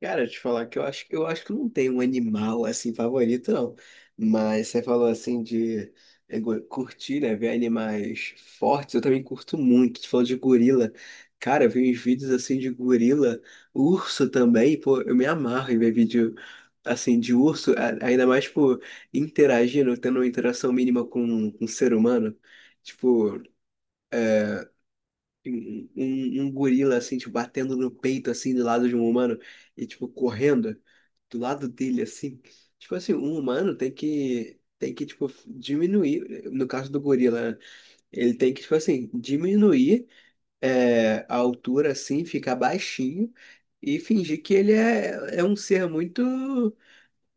Cara, te falar que eu acho que não tem um animal assim favorito, não. Mas você falou assim de curtir, né? Ver animais fortes, eu também curto muito. Tu falou de gorila. Cara, eu vi uns vídeos assim de gorila, urso também, pô, eu me amarro em ver vídeo assim de urso, ainda mais, tipo, interagindo, tendo uma interação mínima com um ser humano. Tipo, um gorila assim, tipo, batendo no peito assim do lado de um humano e tipo correndo do lado dele, assim. Tipo assim, um humano tem que, tipo, diminuir, no caso do gorila, né? Ele tem que, tipo assim, diminuir é, a altura, assim, ficar baixinho e fingir que ele é um ser muito,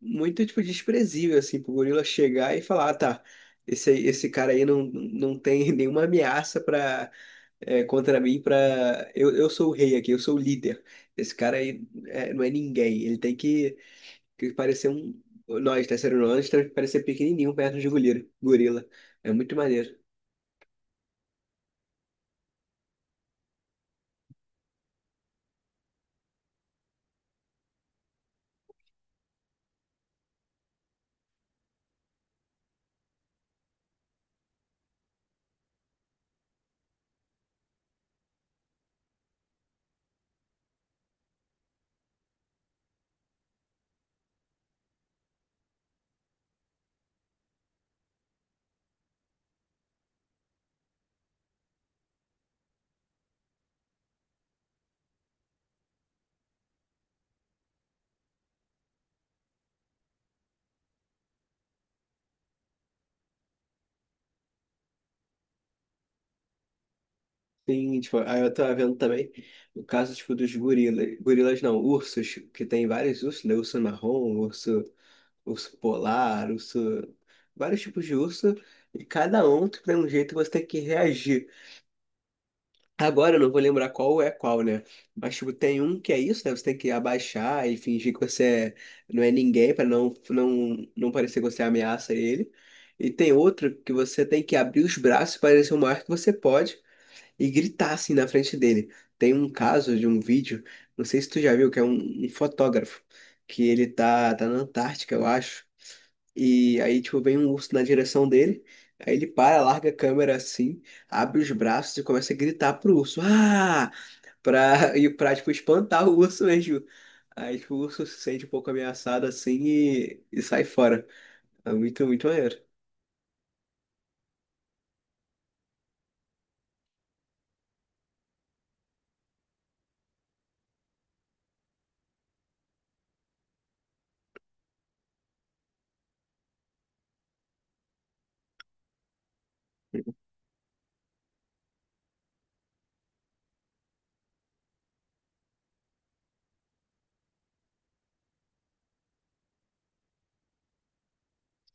muito, tipo, desprezível, assim, pro gorila chegar e falar, ah, tá, esse cara aí não tem nenhuma ameaça pra, é, contra mim, pra... Eu sou o rei aqui, eu sou o líder. Esse cara aí é, não é ninguém, ele tem que parecia um. Nós, terceiro ano, temos que parecer pequenininho perto de gorila. Gorila. É muito maneiro. Tem, tipo, aí eu tava vendo também o caso, tipo, dos gorilas. Gorilas não, ursos, que tem vários ursos, né? Urso marrom, urso, urso polar, urso. Vários tipos de urso. E cada um tem um jeito que você tem que reagir. Agora eu não vou lembrar qual é qual, né? Mas tipo, tem um que é isso, né? Você tem que abaixar e fingir que você não é ninguém pra não parecer que você ameaça ele. E tem outro que você tem que abrir os braços para parecer o maior que você pode e gritar assim na frente dele. Tem um caso de um vídeo, não sei se tu já viu, que é um fotógrafo que ele tá na Antártica, eu acho. E aí, tipo, vem um urso na direção dele. Aí ele para, larga a câmera assim, abre os braços e começa a gritar pro urso. Ah! Pra, e pra, tipo, espantar o urso mesmo. Aí, tipo, o urso se sente um pouco ameaçado assim e sai fora. É muito, muito maneiro.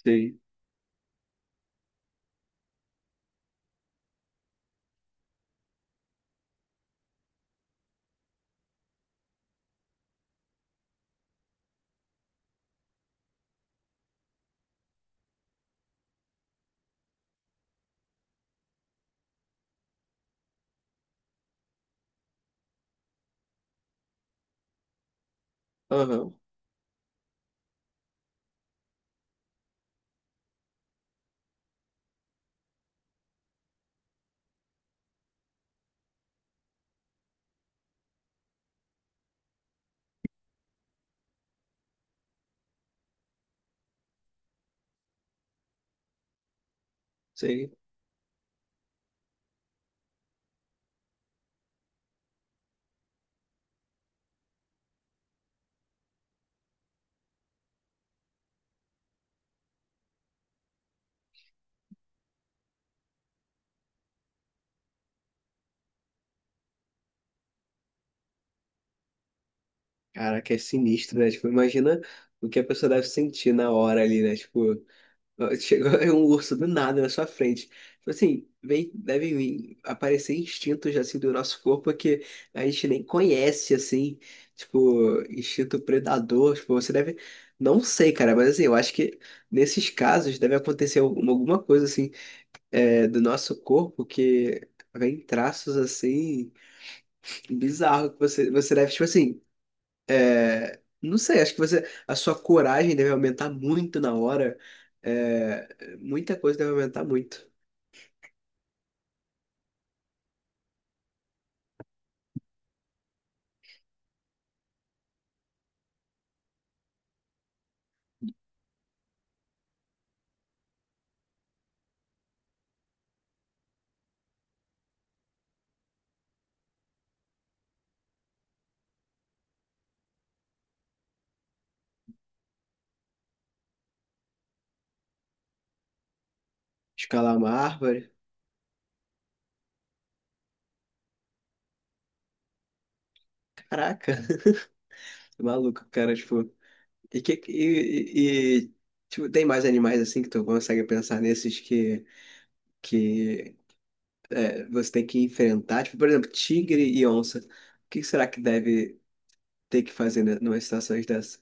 Sei. Aham, sei. Caraca, é sinistro, né? Tipo, imagina o que a pessoa deve sentir na hora ali, né? Tipo. Chegou um urso do nada na sua frente. Tipo assim, vem, devem vir aparecer instintos assim do nosso corpo que a gente nem conhece, assim, tipo, instinto predador. Tipo, você deve. Não sei, cara, mas assim, eu acho que nesses casos deve acontecer alguma coisa assim é, do nosso corpo que vem traços assim bizarro que você deve, tipo assim. Não sei, acho que você, a sua coragem deve aumentar muito na hora. É, muita coisa deve aumentar muito. Escalar uma árvore. Caraca, maluco, cara, tipo. E que e, e- tipo, tem mais animais assim que tu consegue pensar nesses que é, você tem que enfrentar, tipo, por exemplo, tigre e onça. O que será que deve ter que fazer né, numa situação dessa?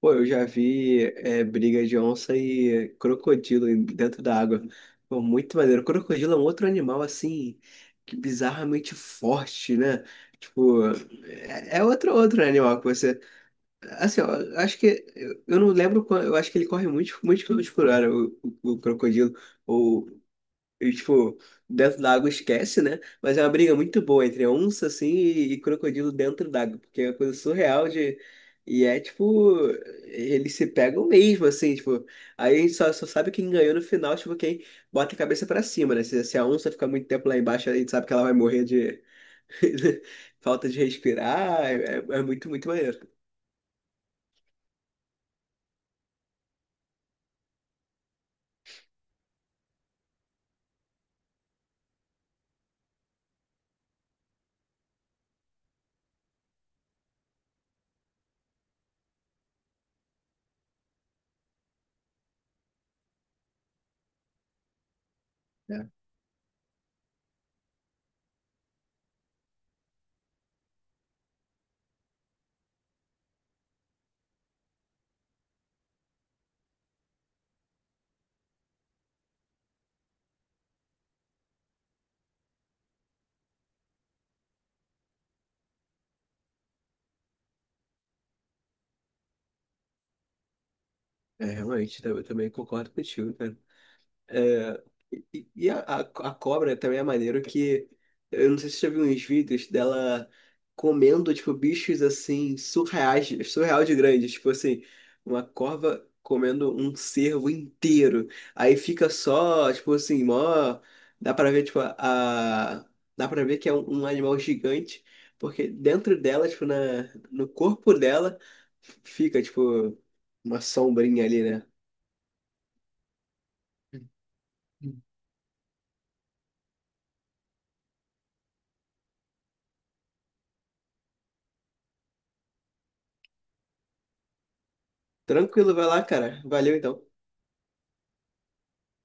Pô, eu já vi é, briga de onça e crocodilo dentro da água. Pô, muito maneiro. Crocodilo é um outro animal, assim, que bizarramente forte, né? Tipo, é, é outro animal que você... Assim, ó, eu acho que... Eu não lembro, eu acho que ele corre muito, muito quilômetros por hora, o crocodilo. E, tipo, dentro da água esquece, né? Mas é uma briga muito boa entre onça, assim, e crocodilo dentro d'água, porque é uma coisa surreal de... E é, tipo, eles se pegam mesmo, assim, tipo... Aí a gente só sabe quem ganhou no final, tipo, quem bota a cabeça pra cima, né? Se a onça ficar muito tempo lá embaixo, a gente sabe que ela vai morrer de... falta de respirar, é muito, muito maneiro. É, realmente, eu também concordo contigo, cara. E a cobra também é maneiro que eu não sei se você já viu uns vídeos dela comendo, tipo, bichos assim, surreais, surreal de grandes. Tipo assim, uma corva comendo um cervo inteiro. Aí fica só, tipo assim, mó. Dá pra ver, tipo, a. Dá pra ver que é um animal gigante, porque dentro dela, tipo, na, no corpo dela, fica, tipo, uma sombrinha ali, né? Tranquilo, vai lá, cara. Valeu então.